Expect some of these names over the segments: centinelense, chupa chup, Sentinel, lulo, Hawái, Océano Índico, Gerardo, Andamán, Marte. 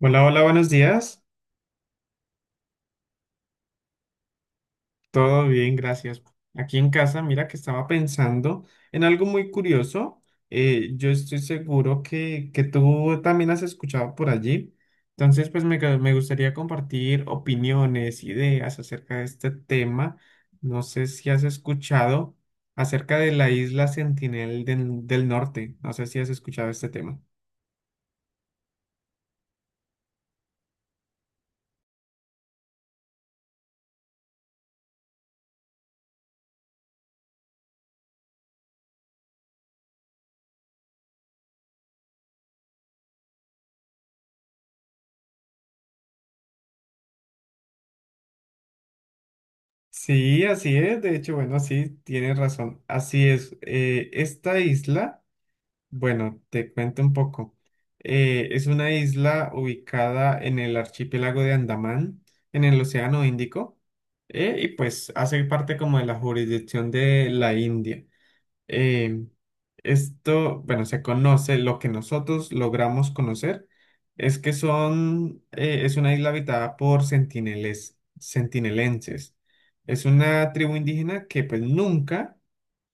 Hola, hola, buenos días. Todo bien, gracias. Aquí en casa, mira que estaba pensando en algo muy curioso. Yo estoy seguro que tú también has escuchado por allí. Entonces, pues me gustaría compartir opiniones, ideas acerca de este tema. No sé si has escuchado acerca de la isla Sentinel del Norte. No sé si has escuchado este tema. Sí, así es. De hecho, bueno, sí, tienes razón. Así es. Esta isla... Bueno, te cuento un poco. Es una isla ubicada en el archipiélago de Andamán, en el Océano Índico, y pues hace parte como de la jurisdicción de la India. Eh, esto, bueno, se conoce, lo que nosotros logramos conocer es que son, es una isla habitada por centineles, centinelenses. Es una tribu indígena que pues nunca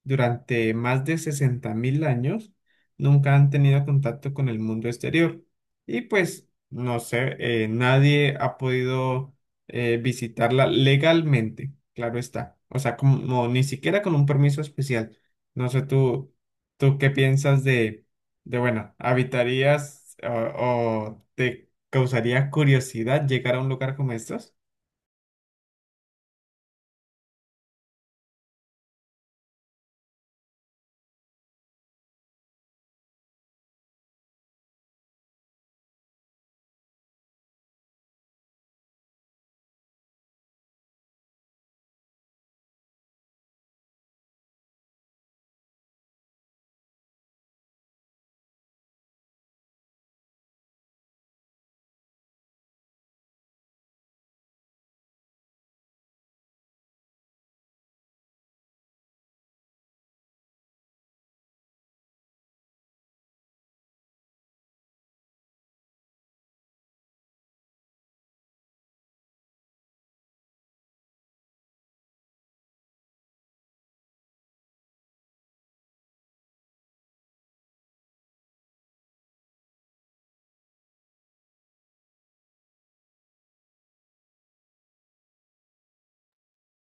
durante más de 60.000 años nunca han tenido contacto con el mundo exterior. Y pues, no sé, nadie ha podido visitarla legalmente, claro está. O sea, como no, ni siquiera con un permiso especial. No sé, tú qué piensas de bueno, ¿habitarías o te causaría curiosidad llegar a un lugar como estos?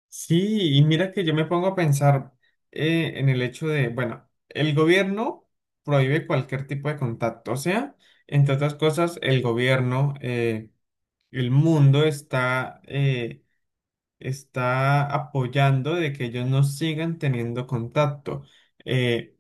Sí, y mira que yo me pongo a pensar en el hecho de, bueno, el gobierno prohíbe cualquier tipo de contacto, o sea, entre otras cosas, el gobierno, el mundo está, está apoyando de que ellos no sigan teniendo contacto. Eh,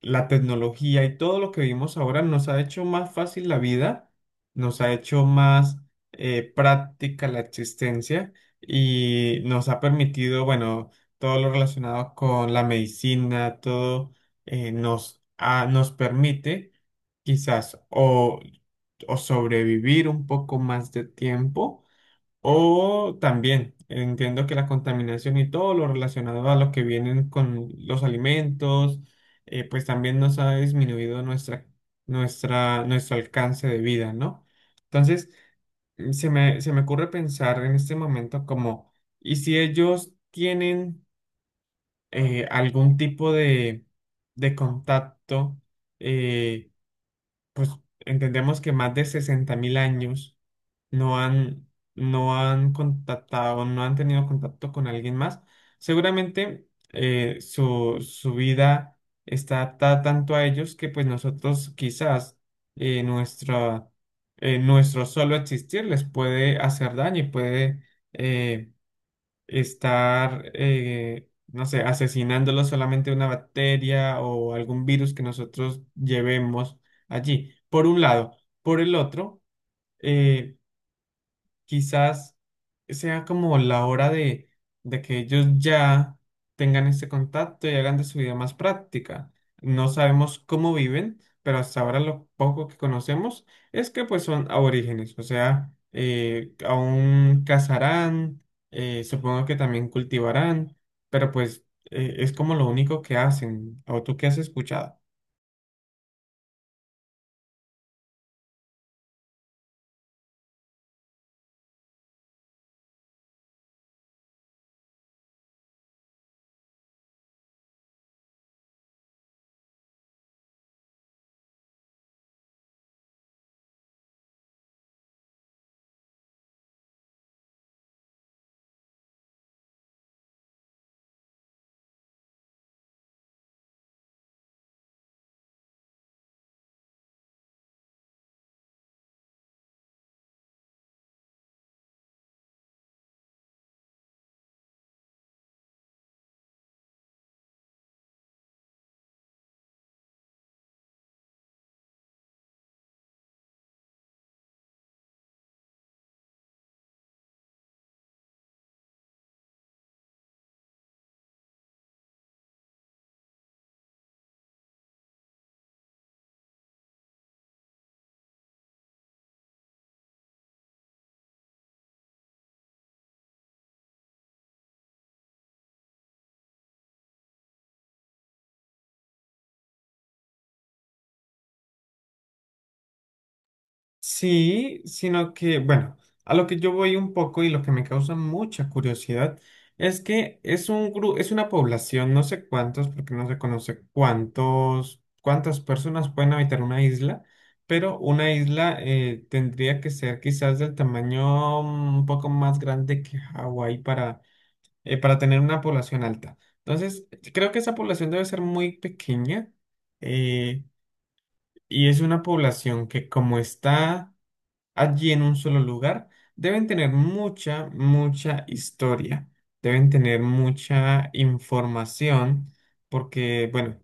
la tecnología y todo lo que vivimos ahora nos ha hecho más fácil la vida, nos ha hecho más práctica la existencia y nos ha permitido, bueno, todo lo relacionado con la medicina, todo nos permite quizás o sobrevivir un poco más de tiempo o también entiendo que la contaminación y todo lo relacionado a lo que vienen con los alimentos, pues también nos ha disminuido nuestro alcance de vida, ¿no? Entonces, se me ocurre pensar en este momento como, ¿y si ellos tienen algún tipo de contacto? eh, pues entendemos que más de 60.000 años no han, no han contactado, no han tenido contacto con alguien más. Seguramente su vida está adaptada tanto a ellos que pues nosotros quizás eh, nuestra, nuestro solo existir les puede hacer daño y puede eh, estar, no sé, asesinándolo solamente una bacteria o algún virus que nosotros llevemos allí, por un lado. Por el otro, eh, quizás sea como la hora de que ellos ya tengan este contacto y hagan de su vida más práctica. No sabemos cómo viven, pero hasta ahora lo poco que conocemos es que pues son aborígenes, o sea, aún cazarán, supongo que también cultivarán, pero pues es como lo único que hacen. ¿O tú qué has escuchado? Sí, sino que, bueno, a lo que yo voy un poco y lo que me causa mucha curiosidad es que es es una población, no sé cuántos, porque no se conoce cuántos, cuántas personas pueden habitar una isla, pero una isla tendría que ser quizás del tamaño un poco más grande que Hawái para tener una población alta. Entonces, creo que esa población debe ser muy pequeña eh, y es una población que como está allí en un solo lugar, deben tener mucha, mucha historia, deben tener mucha información, porque, bueno,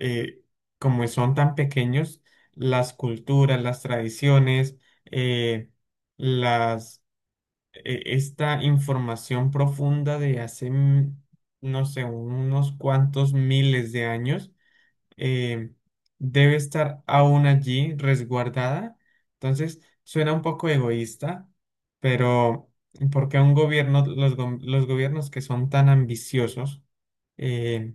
eh, como son tan pequeños, las culturas, las tradiciones, eh, las, esta información profunda de hace, no sé, unos cuantos miles de años eh, debe estar aún allí resguardada. Entonces, suena un poco egoísta, pero ¿por qué un gobierno, los gobiernos que son tan ambiciosos, eh,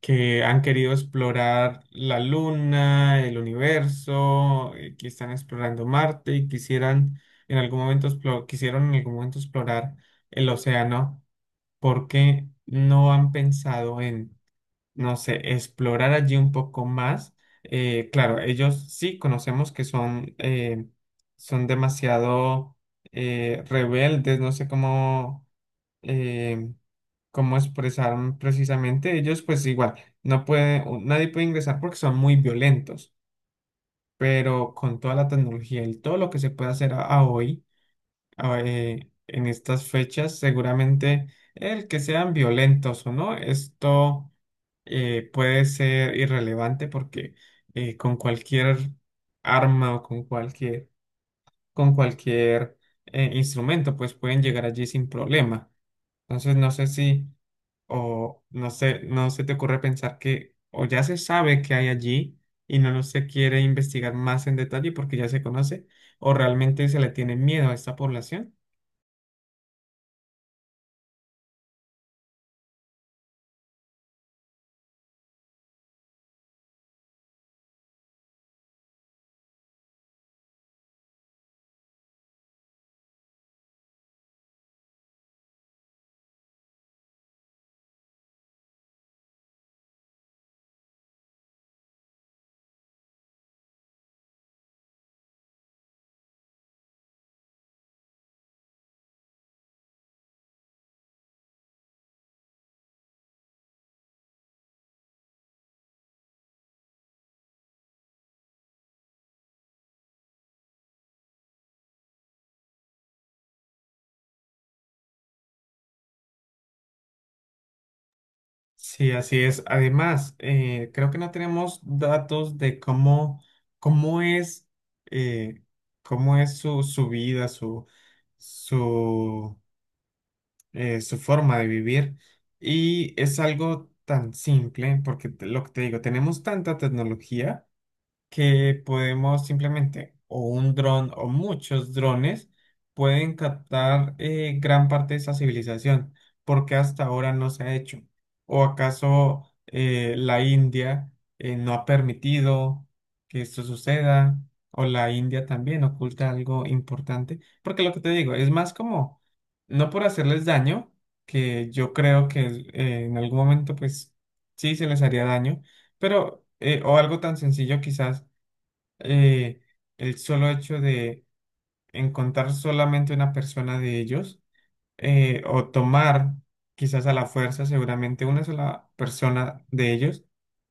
que han querido explorar la Luna, el universo, que están explorando Marte y quisieran en algún momento, quisieron en algún momento explorar el océano? ¿Por qué no han pensado no sé, explorar allí un poco más? Claro, ellos sí conocemos que son, son demasiado rebeldes, no sé cómo, eh, cómo expresaron precisamente. Ellos pues igual, nadie puede ingresar porque son muy violentos, pero con toda la tecnología y todo lo que se puede hacer a hoy, en estas fechas, seguramente el que sean violentos o no, esto puede ser irrelevante porque con cualquier arma o con cualquier instrumento, pues pueden llegar allí sin problema. Entonces, no sé si, o no sé, no se te ocurre pensar que o ya se sabe que hay allí y no lo se quiere investigar más en detalle porque ya se conoce, o realmente se le tiene miedo a esta población. Sí, así es. Además, creo que no tenemos datos de cómo, cómo es, eh, cómo es su, su vida, su, su forma de vivir. Y es algo tan simple, porque lo que te digo, tenemos tanta tecnología que podemos simplemente, o un dron o muchos drones, pueden captar gran parte de esa civilización, porque hasta ahora no se ha hecho. ¿O acaso la India no ha permitido que esto suceda? ¿O la India también oculta algo importante? Porque lo que te digo, es más como, no por hacerles daño, que yo creo que en algún momento pues sí se les haría daño, pero, o algo tan sencillo quizás eh, el solo hecho de encontrar solamente una persona de ellos o tomar quizás a la fuerza seguramente una sola persona de ellos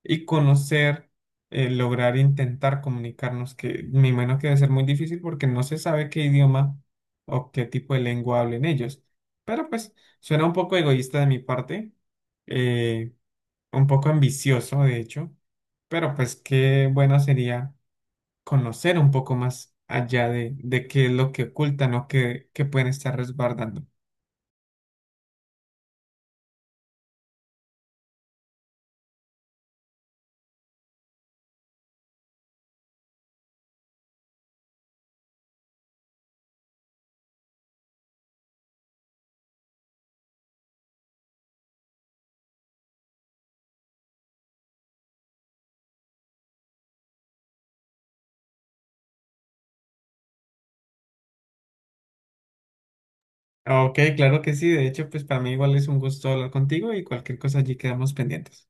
y conocer, lograr intentar comunicarnos, que me imagino que debe ser muy difícil porque no se sabe qué idioma o qué tipo de lengua hablen ellos. Pero pues suena un poco egoísta de mi parte, eh, un poco ambicioso de hecho, pero pues qué bueno sería conocer un poco más allá de qué es lo que ocultan o qué, qué pueden estar resguardando. Ok, claro que sí. De hecho, pues para mí igual es un gusto hablar contigo y cualquier cosa allí quedamos pendientes.